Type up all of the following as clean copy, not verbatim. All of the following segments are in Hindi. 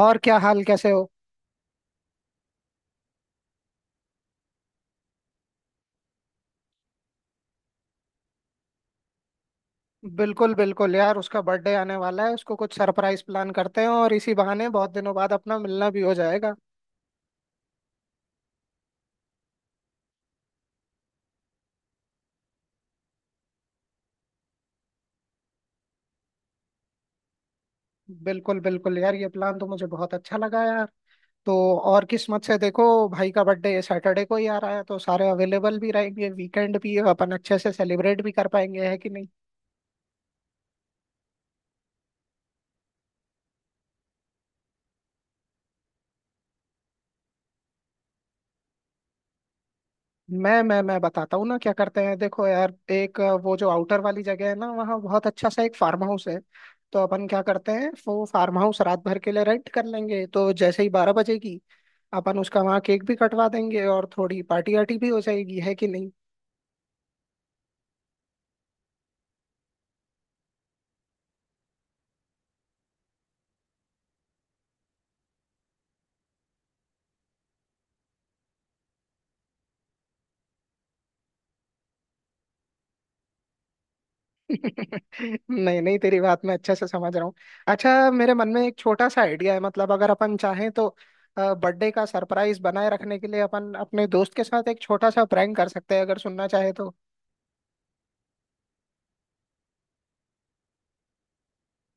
और क्या हाल, कैसे हो। बिल्कुल बिल्कुल यार, उसका बर्थडे आने वाला है, उसको कुछ सरप्राइज प्लान करते हैं और इसी बहाने बहुत दिनों बाद अपना मिलना भी हो जाएगा। बिल्कुल बिल्कुल यार, ये प्लान तो मुझे बहुत अच्छा लगा यार। तो और किस्मत से देखो, भाई का बर्थडे सैटरडे को ही आ रहा है, तो सारे अवेलेबल भी रहेंगे, वीकेंड भी है, अपन अच्छे से सेलिब्रेट भी कर पाएंगे, है कि नहीं। मैं बताता हूँ ना क्या करते हैं। देखो यार, एक वो जो आउटर वाली जगह है ना, वहाँ बहुत अच्छा सा एक फार्म हाउस है। तो अपन क्या करते हैं, वो फार्म हाउस रात भर के लिए रेंट कर लेंगे, तो जैसे ही 12 बजेगी अपन उसका वहाँ केक भी कटवा देंगे और थोड़ी पार्टी वार्टी भी हो जाएगी, है कि नहीं। नहीं नहीं, तेरी बात मैं अच्छे से समझ रहा हूँ। अच्छा, मेरे मन में एक छोटा सा आइडिया है, मतलब अगर अपन चाहें तो बर्थडे का सरप्राइज बनाए रखने के लिए अपन अपने दोस्त के साथ एक छोटा सा प्रैंक कर सकते हैं, अगर सुनना चाहे तो।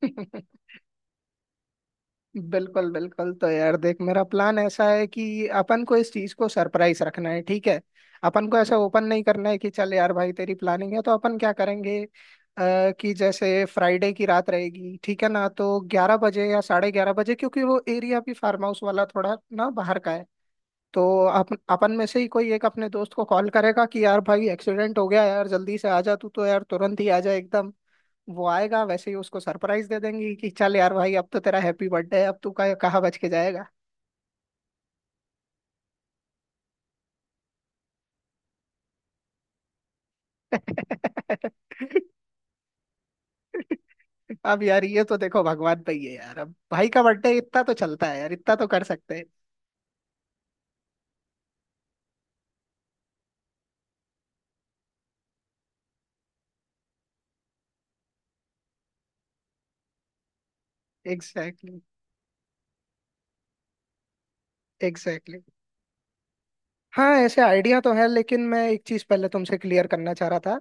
बिल्कुल बिल्कुल। तो यार देख, मेरा प्लान ऐसा है कि अपन को इस चीज को सरप्राइज रखना है, ठीक है। अपन को ऐसा ओपन नहीं करना है कि चल यार भाई तेरी प्लानिंग है, तो अपन क्या करेंगे कि जैसे फ्राइडे की रात रहेगी, ठीक है ना, तो 11 बजे या 11:30 बजे, क्योंकि वो एरिया भी फार्म हाउस वाला थोड़ा ना बाहर का है। तो अपन अपन में से ही कोई एक अपने दोस्त को कॉल करेगा कि यार भाई एक्सीडेंट हो गया यार, जल्दी से आ जा तू, तो यार तुरंत ही आ जा एकदम। वो आएगा वैसे ही उसको सरप्राइज दे देंगी कि चल यार भाई, अब तो तेरा हैप्पी बर्थडे है, अब तू कहाँ कहाँ बच के जाएगा। अब यार ये तो देखो भगवान पे ही है यार, अब भाई का बर्थडे इतना तो चलता है यार, इतना तो कर सकते हैं। Exactly exactly. हाँ, ऐसे आइडिया तो है, लेकिन मैं एक चीज पहले तुमसे क्लियर करना चाह रहा था।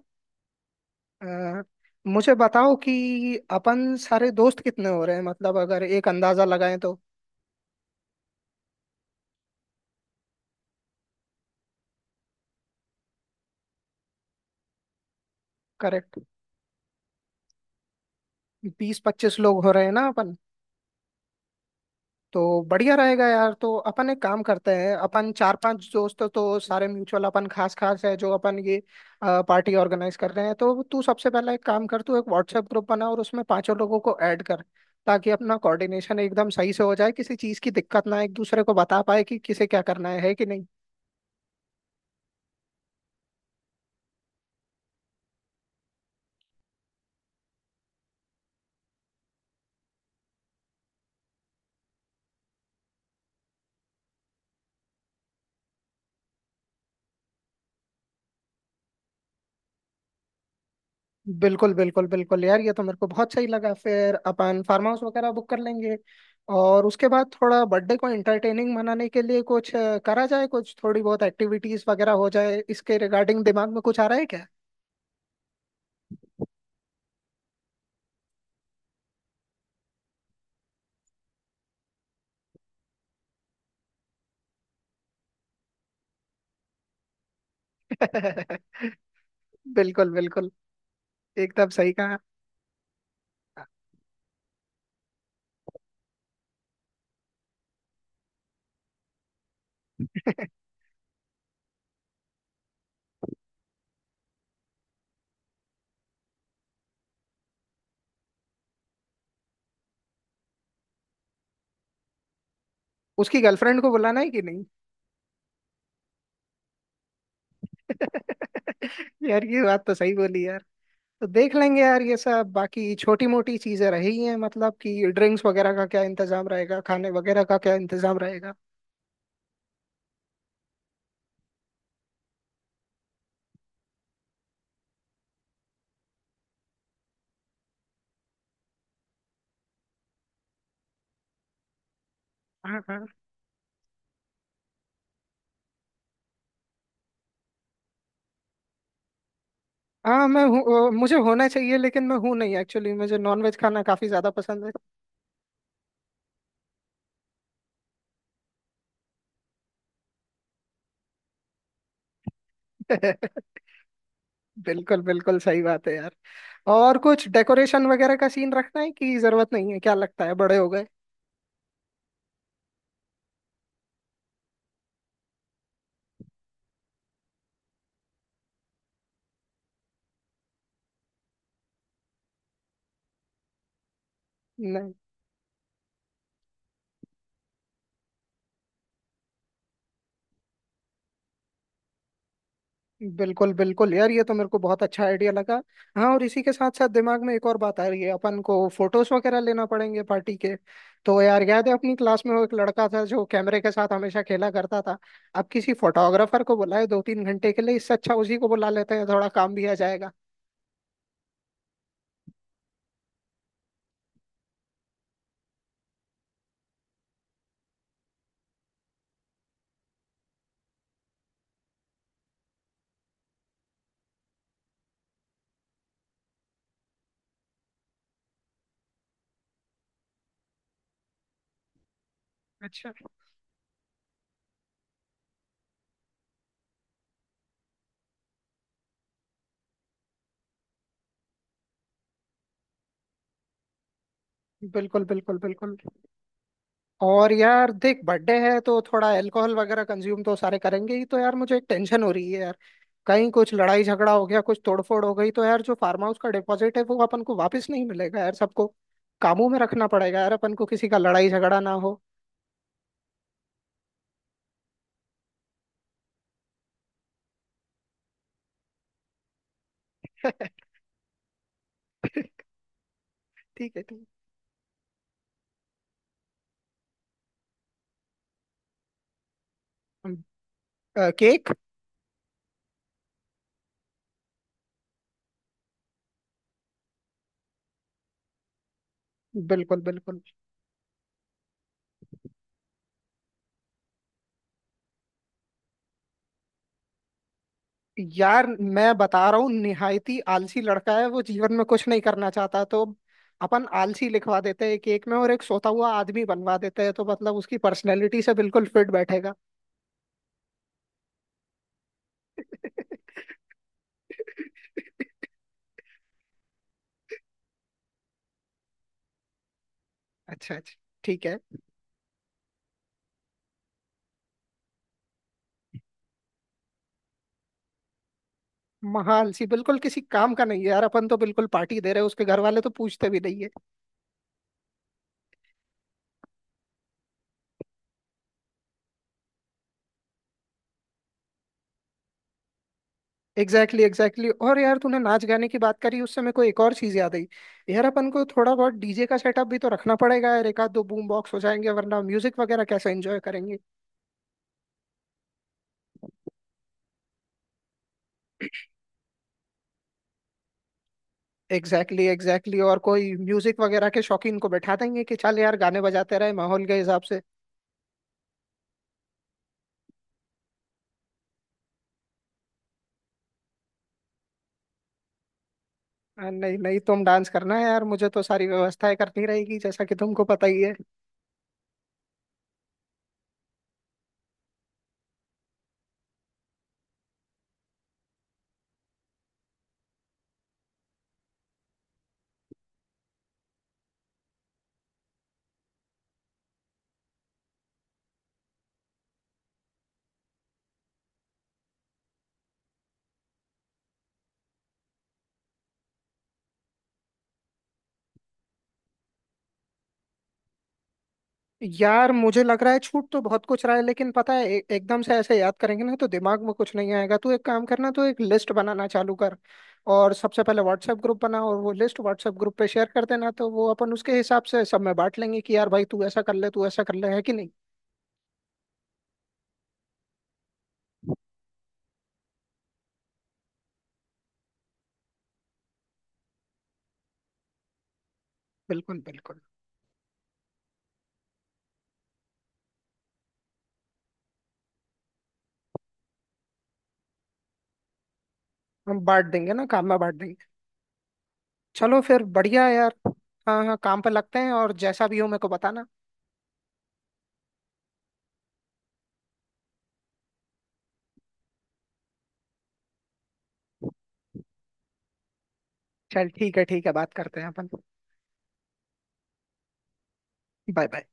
अ, मुझे बताओ कि अपन सारे दोस्त कितने हो रहे हैं, मतलब अगर एक अंदाजा लगाएं तो। करेक्ट। 20-25 लोग हो रहे हैं ना अपन। तो बढ़िया रहेगा यार। तो अपन एक काम करते हैं, अपन 4-5 दोस्त तो सारे म्यूचुअल, अपन खास खास है जो अपन ये पार्टी ऑर्गेनाइज कर रहे हैं, तो तू सबसे पहला एक काम कर, तू एक व्हाट्सएप ग्रुप बना और उसमें पांचों लोगों को ऐड कर, ताकि अपना कोऑर्डिनेशन एकदम सही से हो जाए, किसी चीज की दिक्कत ना आए, एक दूसरे को बता पाए कि किसे क्या करना है कि नहीं। बिल्कुल बिल्कुल बिल्कुल यार, ये तो मेरे को बहुत सही लगा, फिर अपन फार्म हाउस वगैरह बुक कर लेंगे और उसके बाद थोड़ा बर्थडे को एंटरटेनिंग मनाने के लिए कुछ करा जाए, कुछ थोड़ी बहुत एक्टिविटीज वगैरह हो जाए, इसके रिगार्डिंग दिमाग में कुछ आ रहा है क्या। बिल्कुल बिल्कुल। एकदम सही कहा। उसकी गर्लफ्रेंड को बुलाना है कि नहीं। यार ये बात तो सही बोली यार। तो देख लेंगे यार, ये सब बाकी छोटी मोटी चीजें रही हैं, मतलब कि ड्रिंक्स वगैरह का क्या इंतजाम रहेगा, खाने वगैरह का क्या इंतजाम रहेगा। हाँ हाँ। हाँ, मैं हूँ। मुझे होना चाहिए लेकिन मैं हूँ नहीं, एक्चुअली मुझे नॉनवेज खाना काफी ज्यादा पसंद है। बिल्कुल बिल्कुल सही बात है यार। और कुछ डेकोरेशन वगैरह का सीन रखना है कि जरूरत नहीं है, क्या लगता है, बड़े हो गए। नहीं। बिल्कुल बिल्कुल यार, ये तो मेरे को बहुत अच्छा आइडिया लगा। हाँ, और इसी के साथ साथ दिमाग में एक और बात आ रही है, अपन को फोटोज वगैरह लेना पड़ेंगे पार्टी के। तो यार याद है अपनी क्लास में वो एक लड़का था जो कैमरे के साथ हमेशा खेला करता था। अब किसी फोटोग्राफर को बुलाए 2-3 घंटे के लिए, इससे अच्छा उसी को बुला लेते हैं, थोड़ा काम भी आ जाएगा। अच्छा। बिल्कुल बिल्कुल बिल्कुल। और यार देख बर्थडे है तो थोड़ा अल्कोहल वगैरह कंज्यूम तो सारे करेंगे ही, तो यार मुझे एक टेंशन हो रही है यार, कहीं कुछ लड़ाई झगड़ा हो गया, कुछ तोड़फोड़ हो गई तो यार जो फार्म हाउस का डिपॉजिट है वो अपन को वापस नहीं मिलेगा यार। सबको कामों में रखना पड़ेगा यार, अपन को किसी का लड़ाई झगड़ा ना हो। ठीक है ठीक है। अम, केक। बिल्कुल बिल्कुल। यार मैं बता रहा हूँ निहायती आलसी लड़का है वो, जीवन में कुछ नहीं करना चाहता, तो अपन आलसी लिखवा देते हैं एक एक में और एक सोता हुआ आदमी बनवा देते हैं, तो मतलब उसकी पर्सनैलिटी से बिल्कुल फिट बैठेगा। अच्छा अच्छा। ठीक है। महाआलसी बिल्कुल किसी काम का नहीं है यार, अपन तो बिल्कुल पार्टी दे रहे हैं, उसके घर वाले तो पूछते भी नहीं। Exactly exactly. और यार तूने नाच गाने की बात करी उससे मेरे को एक और चीज याद आई। यार अपन को थोड़ा बहुत डीजे का सेटअप भी तो रखना पड़ेगा यार, एक आध दो बूम बॉक्स हो जाएंगे वरना म्यूजिक वगैरह कैसे एंजॉय करेंगे। Exactly exactly, exactly exactly। और कोई म्यूजिक वगैरह के शौकीन को बैठा देंगे कि चल यार गाने बजाते रहे माहौल के हिसाब से। नहीं नहीं, तुम डांस करना है यार, मुझे तो सारी व्यवस्थाएं करनी रहेगी जैसा कि तुमको पता ही है। यार मुझे लग रहा है छूट तो बहुत कुछ रहा है, लेकिन पता है एकदम से ऐसे याद करेंगे ना तो दिमाग में कुछ नहीं आएगा, तू एक काम करना तो एक लिस्ट बनाना चालू कर और सबसे पहले व्हाट्सएप ग्रुप बना और वो लिस्ट व्हाट्सएप ग्रुप पे शेयर कर देना, तो वो अपन उसके हिसाब से सब में बांट लेंगे कि यार भाई तू ऐसा कर ले तू ऐसा कर ले, है कि नहीं। बिल्कुल बिल्कुल। हम बांट देंगे ना, काम में बांट देंगे। चलो फिर बढ़िया है यार। हाँ हाँ काम पे लगते हैं, और जैसा भी हो मेरे को बताना। चल ठीक है ठीक है, बात करते हैं अपन। Bye bye.